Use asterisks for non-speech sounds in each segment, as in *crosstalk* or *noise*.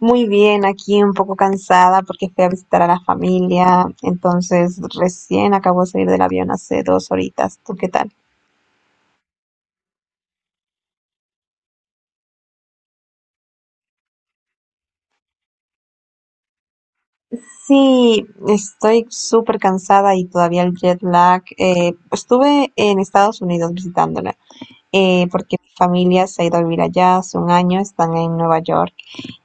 Muy bien, aquí un poco cansada porque fui a visitar a la familia, entonces recién acabo de salir del avión hace 2 horitas. ¿Tú qué tal? Sí, estoy súper cansada y todavía el jet lag. Estuve en Estados Unidos visitándola, porque mi familia se ha ido a vivir allá hace un año. Están en Nueva York.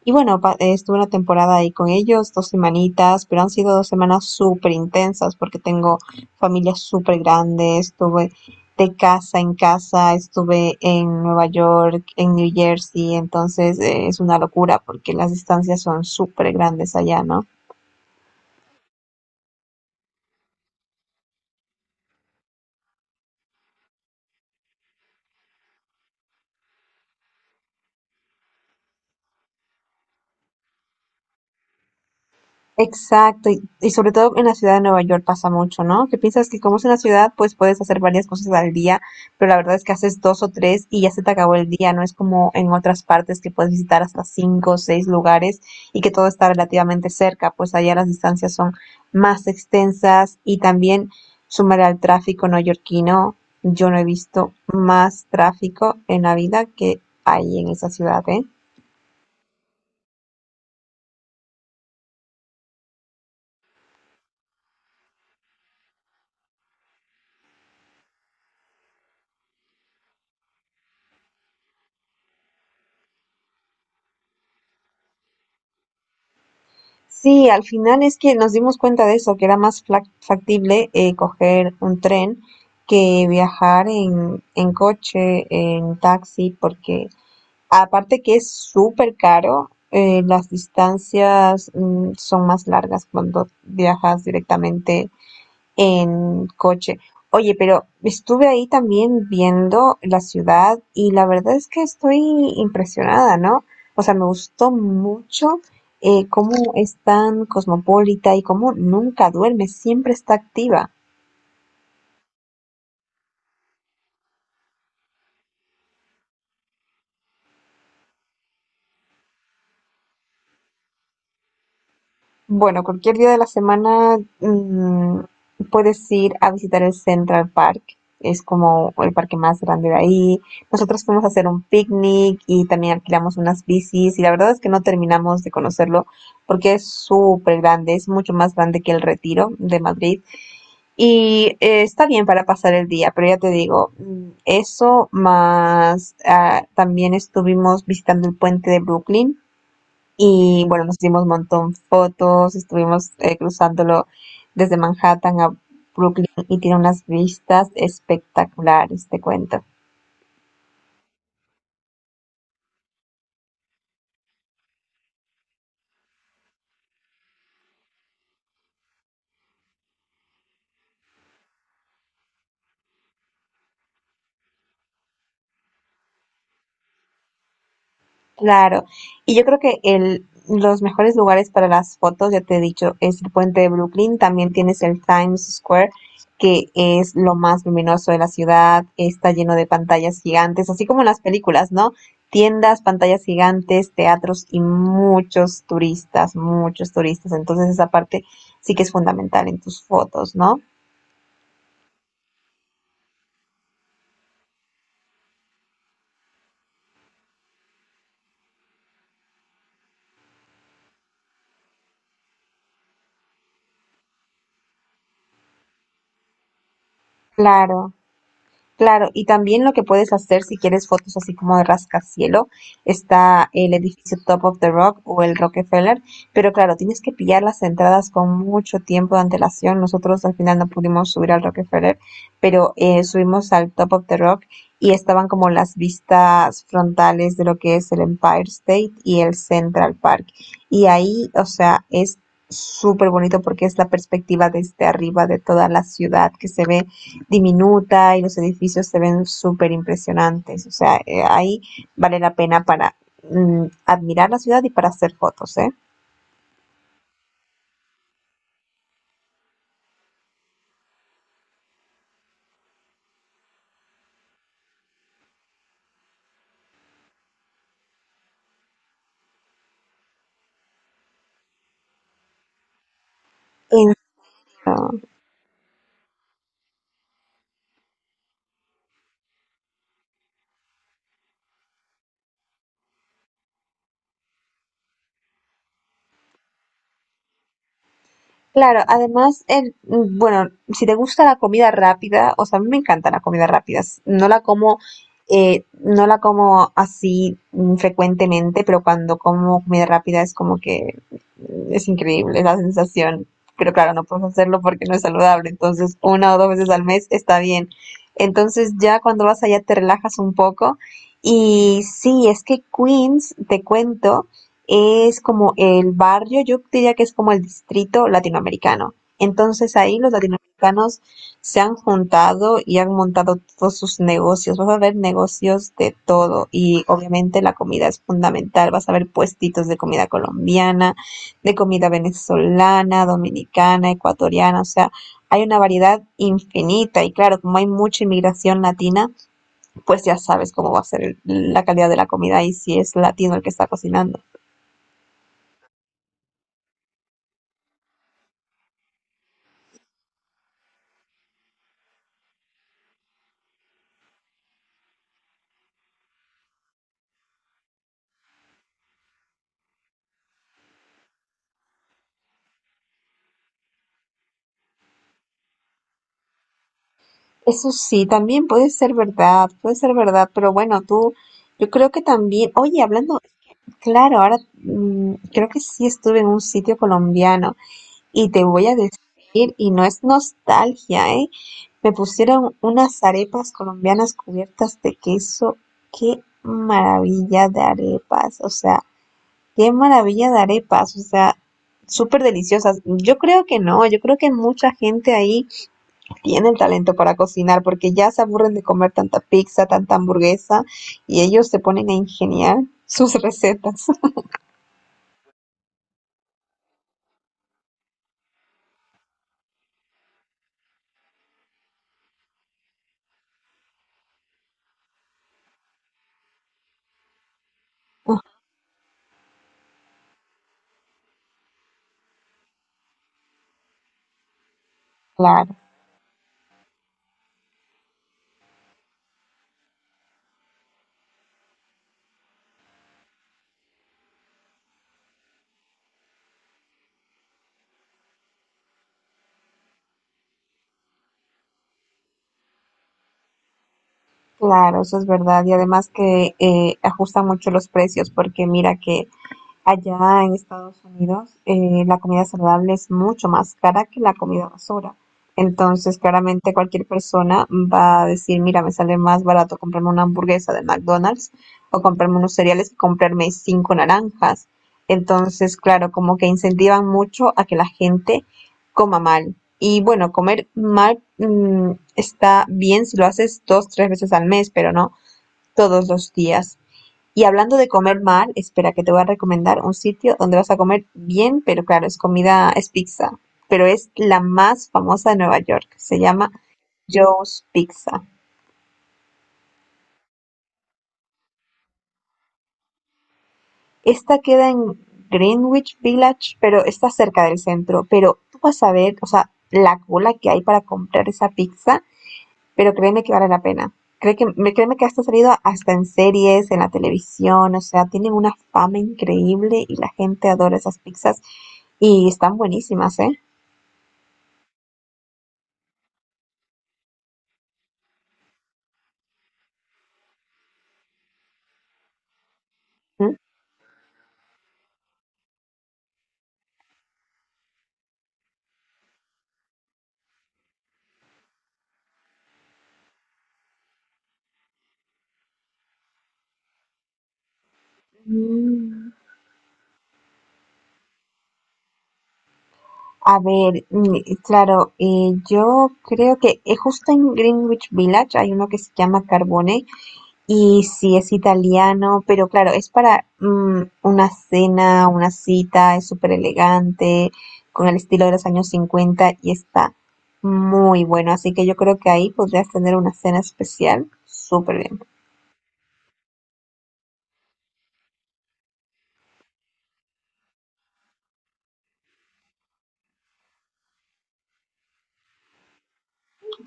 Y bueno, estuve una temporada ahí con ellos, 2 semanitas, pero han sido 2 semanas súper intensas porque tengo familias súper grandes. Estuve de casa en casa, estuve en Nueva York, en New Jersey. Entonces es una locura porque las distancias son súper grandes allá, ¿no? Exacto, y sobre todo en la ciudad de Nueva York pasa mucho, ¿no? Que piensas que como es una ciudad, pues puedes hacer varias cosas al día, pero la verdad es que haces dos o tres y ya se te acabó el día. No es como en otras partes que puedes visitar hasta cinco o seis lugares y que todo está relativamente cerca. Pues allá las distancias son más extensas, y también sumar al tráfico neoyorquino. Yo no he visto más tráfico en la vida que hay en esa ciudad, ¿eh? Sí, al final es que nos dimos cuenta de eso, que era más factible coger un tren que viajar en coche, en taxi, porque aparte que es súper caro. Eh, las distancias, son más largas cuando viajas directamente en coche. Oye, pero estuve ahí también viendo la ciudad y la verdad es que estoy impresionada, ¿no? O sea, me gustó mucho cómo es tan cosmopolita y cómo nunca duerme, siempre está activa. Bueno, cualquier día de la semana, puedes ir a visitar el Central Park. Es como el parque más grande de ahí. Nosotros fuimos a hacer un picnic y también alquilamos unas bicis, y la verdad es que no terminamos de conocerlo porque es súper grande, es mucho más grande que el Retiro de Madrid. Y está bien para pasar el día, pero ya te digo, eso más, también estuvimos visitando el puente de Brooklyn. Y bueno, nos hicimos un montón fotos. Estuvimos cruzándolo desde Manhattan a Brooklyn, y tiene unas vistas espectaculares, te cuento. Claro, y yo creo que los mejores lugares para las fotos, ya te he dicho, es el puente de Brooklyn. También tienes el Times Square, que es lo más luminoso de la ciudad, está lleno de pantallas gigantes, así como en las películas, ¿no? Tiendas, pantallas gigantes, teatros y muchos turistas, muchos turistas. Entonces esa parte sí que es fundamental en tus fotos, ¿no? Claro. Claro, y también lo que puedes hacer si quieres fotos así como de rascacielo, está el edificio Top of the Rock o el Rockefeller, pero claro, tienes que pillar las entradas con mucho tiempo de antelación. Nosotros al final no pudimos subir al Rockefeller, pero subimos al Top of the Rock y estaban como las vistas frontales de lo que es el Empire State y el Central Park. Y ahí, o sea, es súper bonito porque es la perspectiva desde arriba de toda la ciudad, que se ve diminuta, y los edificios se ven súper impresionantes. O sea, ahí vale la pena para, admirar la ciudad y para hacer fotos, ¿eh? En- Claro, además, bueno, si te gusta la comida rápida, o sea, a mí me encanta la comida rápida. No la como, no la como así, frecuentemente. Pero cuando como comida rápida es como que, es increíble la sensación. Pero claro, no puedes hacerlo porque no es saludable. Entonces, una o dos veces al mes está bien. Entonces, ya cuando vas allá te relajas un poco. Y sí, es que Queens, te cuento, es como el barrio. Yo diría que es como el distrito latinoamericano. Entonces ahí los latinoamericanos se han juntado y han montado todos sus negocios. Vas a ver negocios de todo y obviamente la comida es fundamental. Vas a ver puestitos de comida colombiana, de comida venezolana, dominicana, ecuatoriana. O sea, hay una variedad infinita. Y claro, como hay mucha inmigración latina, pues ya sabes cómo va a ser la calidad de la comida, y si es latino el que está cocinando. Eso sí, también puede ser verdad, pero bueno, tú, yo creo que también, oye, hablando, claro, ahora, creo que sí estuve en un sitio colombiano, y te voy a decir, y no es nostalgia, ¿eh? Me pusieron unas arepas colombianas cubiertas de queso, qué maravilla de arepas, o sea, qué maravilla de arepas, o sea, súper deliciosas. Yo creo que no, yo creo que mucha gente ahí tienen talento para cocinar porque ya se aburren de comer tanta pizza, tanta hamburguesa, y ellos se ponen a ingeniar sus recetas. *laughs* Claro, claro, eso es verdad. Y además que ajustan mucho los precios, porque mira que allá en Estados Unidos, la comida saludable es mucho más cara que la comida basura. Entonces, claramente cualquier persona va a decir, mira, me sale más barato comprarme una hamburguesa de McDonald's, o comprarme unos cereales, que comprarme cinco naranjas. Entonces, claro, como que incentivan mucho a que la gente coma mal. Y bueno, comer mal, está bien si lo haces dos, tres veces al mes, pero no todos los días. Y hablando de comer mal, espera que te voy a recomendar un sitio donde vas a comer bien. Pero claro, es comida, es pizza, pero es la más famosa de Nueva York. Se llama Joe's Pizza. Esta queda en Greenwich Village, pero está cerca del centro. Pero tú vas a ver, o sea, la cola que hay para comprar esa pizza, pero créeme que vale la pena. Créeme que esto ha salido hasta en series, en la televisión. O sea, tienen una fama increíble y la gente adora esas pizzas, y están buenísimas, ¿eh? ¿Mm? Mm. A ver, claro, yo creo que, justo en Greenwich Village hay uno que se llama Carbone. Y sí, es italiano, pero claro, es para, una cena, una cita. Es súper elegante, con el estilo de los años 50, y está muy bueno. Así que yo creo que ahí podrías tener una cena especial súper bien.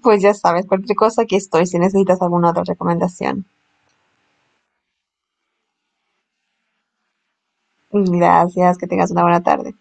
Pues ya sabes, cualquier cosa aquí estoy si necesitas alguna otra recomendación. Gracias, que tengas una buena tarde.